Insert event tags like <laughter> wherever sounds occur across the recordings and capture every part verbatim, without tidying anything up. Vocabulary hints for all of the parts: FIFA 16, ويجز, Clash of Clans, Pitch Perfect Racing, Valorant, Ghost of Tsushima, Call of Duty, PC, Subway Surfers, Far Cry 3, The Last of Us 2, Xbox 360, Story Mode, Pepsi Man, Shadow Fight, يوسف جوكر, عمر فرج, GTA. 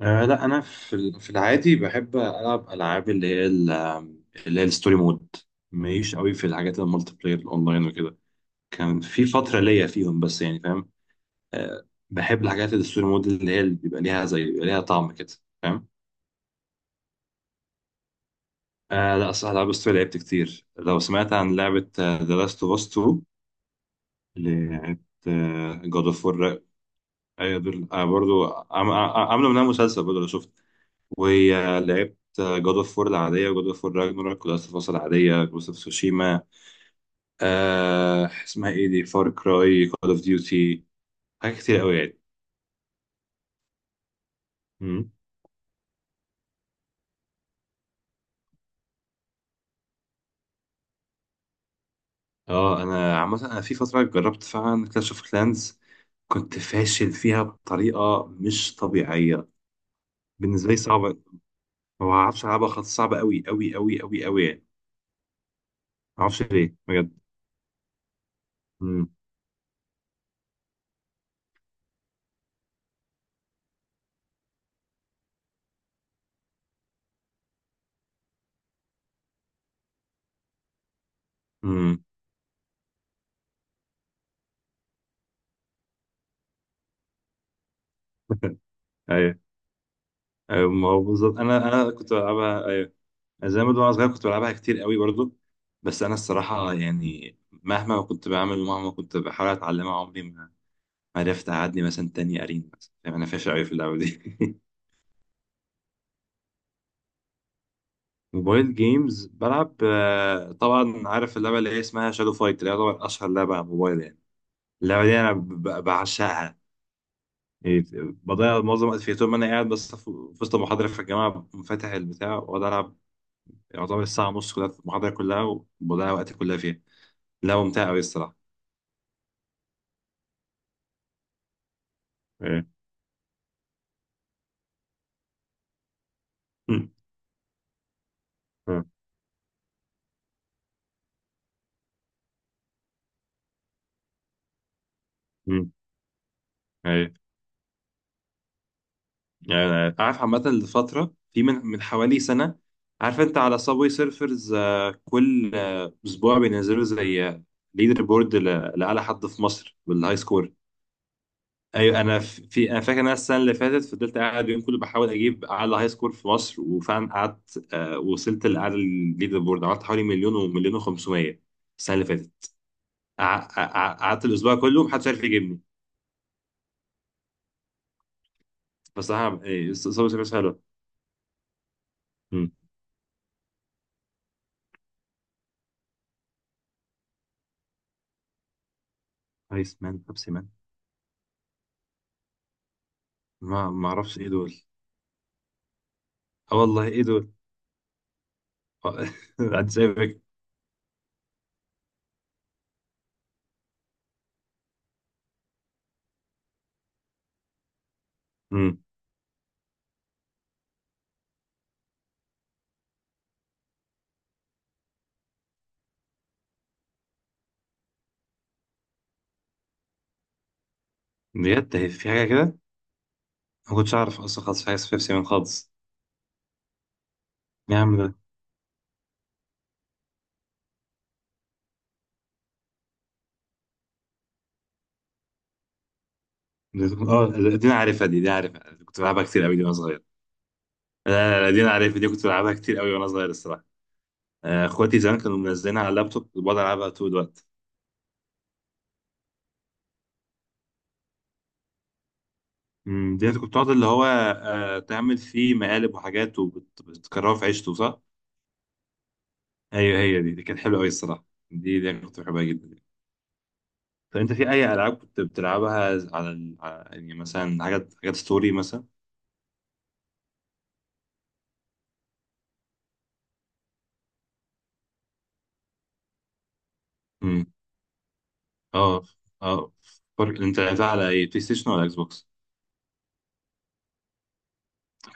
آه لا، انا في ال- في العادي بحب العب العاب اللي هي ال- اللي هي الستوري مود. ماليش قوي في الحاجات المالتي بلاير الاونلاين وكده. كان في فتره ليا فيهم، بس يعني فاهم. آه بحب الحاجات الستوري مود اللي هي اللي بيبقى ليها زي بيبقى ليها طعم كده، فاهم. آه لا صح، العاب الستوري لعبت كتير. لو سمعت عن لعبه ذا لاست اوف اس تو اللي بتاعت جاد اوف وور. ايوه دول، آه برضو. عم- عم- عملوا منها مسلسل برضو لو شفت. ولعبت جود اوف وور العادية، وجود اوف وور راجناروك، ولاست اوف اس العادية، جوست اوف سوشيما. آه اسمها ايه دي، فار كراي، كول اوف ديوتي. حاجات كتير قوي يعني. مم. اه، انا عامة انا في فترة جربت فعلا كلاش اوف كلانز. كنت فاشل فيها بطريقة مش طبيعية. بالنسبة لي صعبة. ما بعرفش ألعبها خالص، صعبة أوي أوي أوي أوي أوي يعني. ما أعرفش ليه بجد. مم. مم. <laughs> أيوه. أيوه، ما هو بالظبط أنا أنا كنت بلعبها. أيوه، زي ما وانا صغير كنت بلعبها كتير قوي برضو. بس انا الصراحه يعني، مهما كنت بعمل ومهما كنت بحاول اتعلمها، عمري ما عرفت اعدي مثلا تاني قرين مثلا، يعني انا فاشل قوي في اللعبه دي. <laughs> موبايل جيمز بلعب. آه، طبعا عارف اللعبه اللي هي اسمها شادو فايت، اللي هي طبعا اشهر لعبه على الموبايل يعني. اللعبه دي انا ب- بعشقها يعني. بضيع معظم الوقت فيها طول ما انا قاعد، بس في في وسط المحاضره في الجامعه، فاتح البتاع واقعد العب. يعتبر الساعه ونص كلها في المحاضره كلها. وبضيع وقتي كلها فيها. لعبه ممتعه قوي الصراحه. إيه. مم. مم. ايوه، يعني أنا عارف عامة، لفترة، في من من حوالي سنة. عارف انت على صابوي سيرفرز، آه، كل آه، اسبوع بينزلوا زي ليدر بورد لأعلى حد في مصر بالهاي سكور. ايوه. انا ف- في انا فاكر إن انا السنة اللي فاتت فضلت قاعد اليوم كله بحاول اجيب اعلى هاي سكور في مصر، وفعلا قعدت، آه، وصلت لأعلى الليدر بورد، عملت حوالي مليون ومليون و500، السنة اللي فاتت. قع- قع- قعدت الاسبوع كله، محدش عارف يجيبني. بس صراحة صابوي سيرفرز حلو. مم. ايس مان، بيبسي مان. ما ما اعرفش ايه دول. اه والله، ايه دول. آه. <laughs> عاد سايبك. امم. بجد، هي في حاجه كده؟ ما كنتش اعرف اصلا خالص في حاجه اسمها بيبسي مان خالص. إيه يا عم ده! ده- اه دي انا عارفها دي دي عارفها كنت بلعبها كتير قوي، دي وانا صغير. لا لا لا، دي انا عارفها، دي كنت بلعبها كتير قوي وانا صغير الصراحه. آه، اخواتي زمان كانوا منزلينها على اللابتوب، كنت بقعد العبها طول الوقت. امم دي انت كنت بتقعد اللي هو آه، تعمل فيه مقالب وحاجات وبتكررها في عيشته صح؟ ايوه، هي دي دي كانت حلوه قوي الصراحه. دي دي أنا كنت بحبها جدا. طب انت في اي العاب كنت بتلعبها؟ على ال... على- يعني مثلا حاجات حاجات ستوري مثلا. امم. اه. اه. فار... انت لعبتها على اي بلاي ستيشن ولا اكس بوكس؟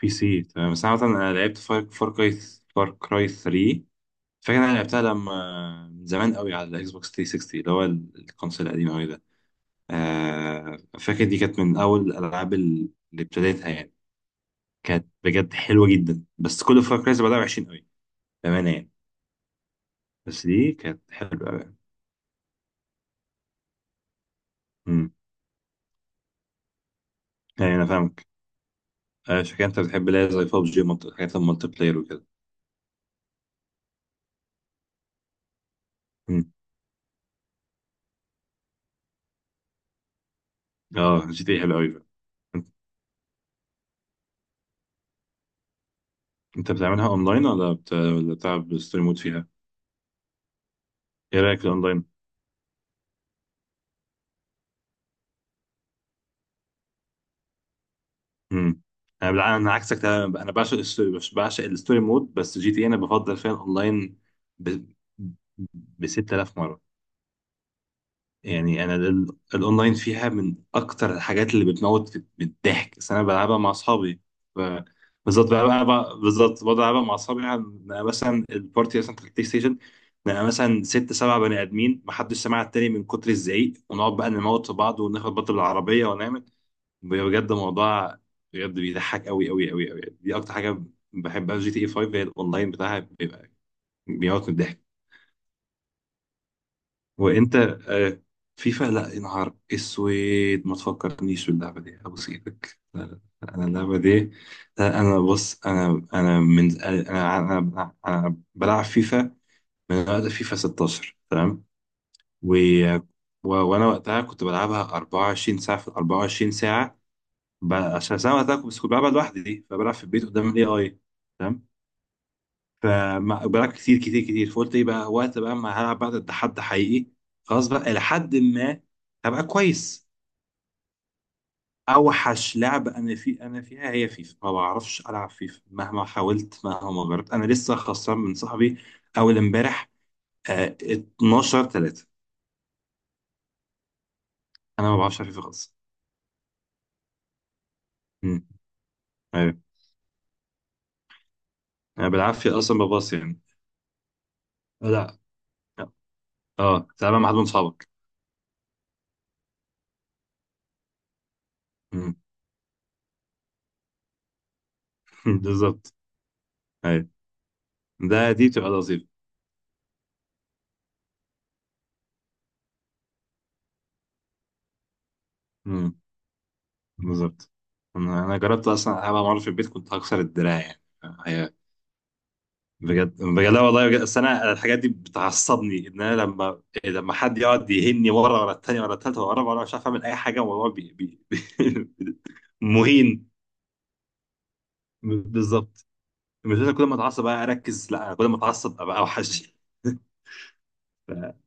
بي سي، تمام. بس انا مثلا انا لعبت فار فار كراي. فار كراي ثري. فاكر انا لعبتها لما، من زمان قوي، على الاكس بوكس ثري سيكستي اللي هو ال- الكونسول القديم قوي ده. آه... فاكر دي كانت من اول الالعاب ال- اللي ابتديتها يعني. كانت بجد حلوه جدا، بس كل فار كرايز بعدها وحشين قوي. بامانه يعني. بس دي كانت حلوه قوي. امم. يعني انا فاهم. آه، عشان كده انت بتحب اللي هي زي ببجي، ملت... حاجات المالتي بلاير وكده. مم. اه، جي تي إيه حلو قوي بقى. انت انت بتعملها اونلاين ولا بت... ولا بتلعب ستوري مود فيها؟ ايه رايك في الاونلاين؟ مم. انا بالع- انا عكسك تماما، انا بعشق الستوري بش- بعشق الستوري مود، بس جي تي إيه انا بفضل فيها الاونلاين ب ب ستة آلاف مره. يعني انا ال- الاونلاين فيها من اكتر الحاجات اللي بتموت في- من الضحك، بس انا بلعبها مع اصحابي. ف- بالظبط بلعبها بقى- بالظبط بقعد العبها مع اصحابي عن- مثلا البارتي مثلا في البلاي ستيشن. نبقى مثلا ست سبع بني ادمين، محدش سمع التاني من كتر الزعيق، ونقعد بقى نموت في بعض، وناخد بط بالعربيه ونعمل. بجد موضوع، بجد بيضحك قوي قوي قوي قوي. دي اكتر حاجه بحبها في جي تي اي فايف، هي الاونلاين بتاعها بيبقى بيموت من الضحك. وانت. آه، فيفا لا يا نهار اسود. ما تفكرنيش باللعبه دي ابوس ايدك. لا لا لا، انا اللعبه دي. لا، انا بص، انا انا من انا انا, أنا بلعب فيفا من وقت فيفا ستاشر تمام. و... و... وانا وقتها كنت بلعبها اربعة وعشرين ساعه في ال اربعة وعشرين ساعه. ب... عشان ساعه وقتها كنت بس كنت بلعبها لوحدي دي، فبلعب في البيت قدام الاي. اي. فبلعب كتير كتير كتير، فقلت ايه بقى، وقت بقى ما هلعب بقى ضد حد حقيقي. خلاص بقى، إلى حد ما هبقى كويس. اوحش لعبة انا في انا فيها هي فيفا، ما بعرفش العب فيفا مهما حاولت مهما جربت، انا لسه خسران من صاحبي اول امبارح. آه اتناشر تلاتة. انا ما بعرفش العب فيفا خالص. امم. ايوه. انا بالعافية اصلا بباص يعني. لا. اه، تلعبها مع حد من صحابك. مم. <laughs> بالظبط. ايوه. ده، دي بتبقى لطيفة. بالظبط. انا انا جربت اصلا، ابقى مره في البيت كنت هكسر الدراع يعني. هي بجد بجد، لا والله، بجد. أصل انا الحاجات دي بتعصبني، ان انا لما لما حد يقعد يهني ورا ورا التاني ورا التالتة ورا ورا، مش عارف اعمل اي حاجه والموضوع. بي... بي... بي... <laughs> مهين. بالظبط. مش لازم كل ما اتعصب بقى اركز، لا انا كل ما اتعصب ابقى اوحش. <laughs> ف-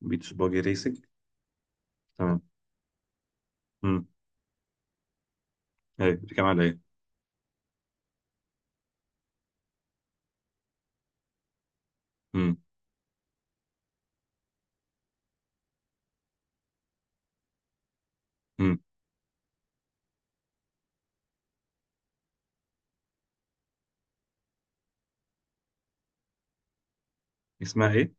بيتش باجي ريسنج، تمام. امم ايه دي كمان على ايه؟ امم. امم. اسمها ايه؟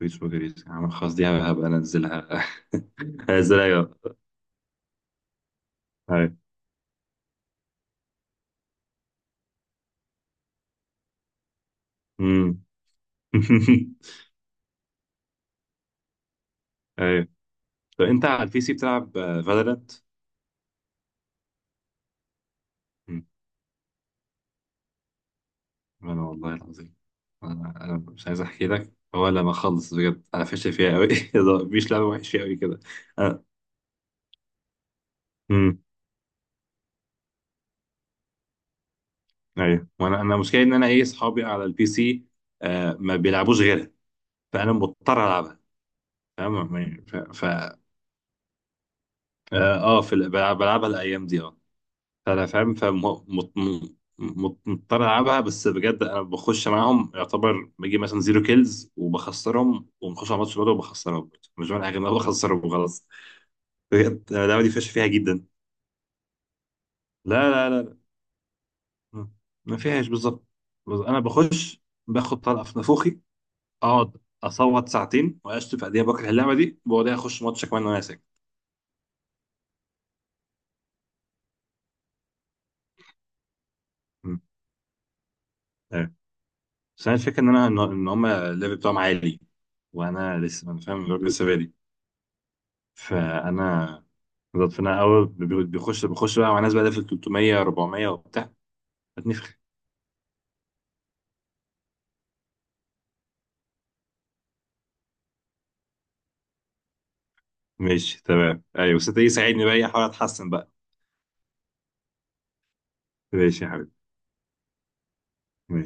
بيتش باجي ريسنج، عمل خلاص، دي هبقى هبقى انزلها. <laughs> هنزلها يلا. ايوه. <laughs> ايوه. طب انت على البي سي بتلعب فالورانت؟ انا والله العظيم، انا أنا مش عايز احكي لك، هو لما خلص، بجد انا فاشل فيها قوي. <laughs> مفيش لعبه وحش فيها قوي كده. أنا- امم. ايوه، وانا انا المشكله ان انا ايه اصحابي على البي سي. آه، ما بيلعبوش غيرها. فانا مضطر العبها، فاهم يعني. ف ف اه آه، في ال- بلعب- بلعبها الايام دي. آه. فانا فاهم، فمضطر العبها، بس بجد انا بخش معاهم يعتبر بجيب مثلا زيرو كيلز وبخسرهم، وبنخش على ماتش برضه وبخسرهم برضه. مش بعمل حاجه، انا بخسرهم وخلاص. بجد أنا اللعبه دي فيش فيها جدا. لا لا لا لا. ما فيهاش بالظبط. بس انا بخش، باخد طلقه في نافوخي، اقعد اصوت ساعتين واشتم في قد ايه بكره اللعبه دي، وبعدها اخش ماتش كمان وانا ساكت. م. أيوة. بس انا الفكره ان انا ان هم الليفل بتاعهم عالي. وانا لسه انا فاهم لسه بادئ. فانا. بالظبط. فانا اول بي- بيخش بخش بقى مع ناس بقى في تلتمية اربعمية وبتاع. هتنفخ. ماشي تمام. ايوه، بس انت ايه ساعدني بقى، ايه احاول اتحسن بقى. ماشي يا حبيبي ماشي.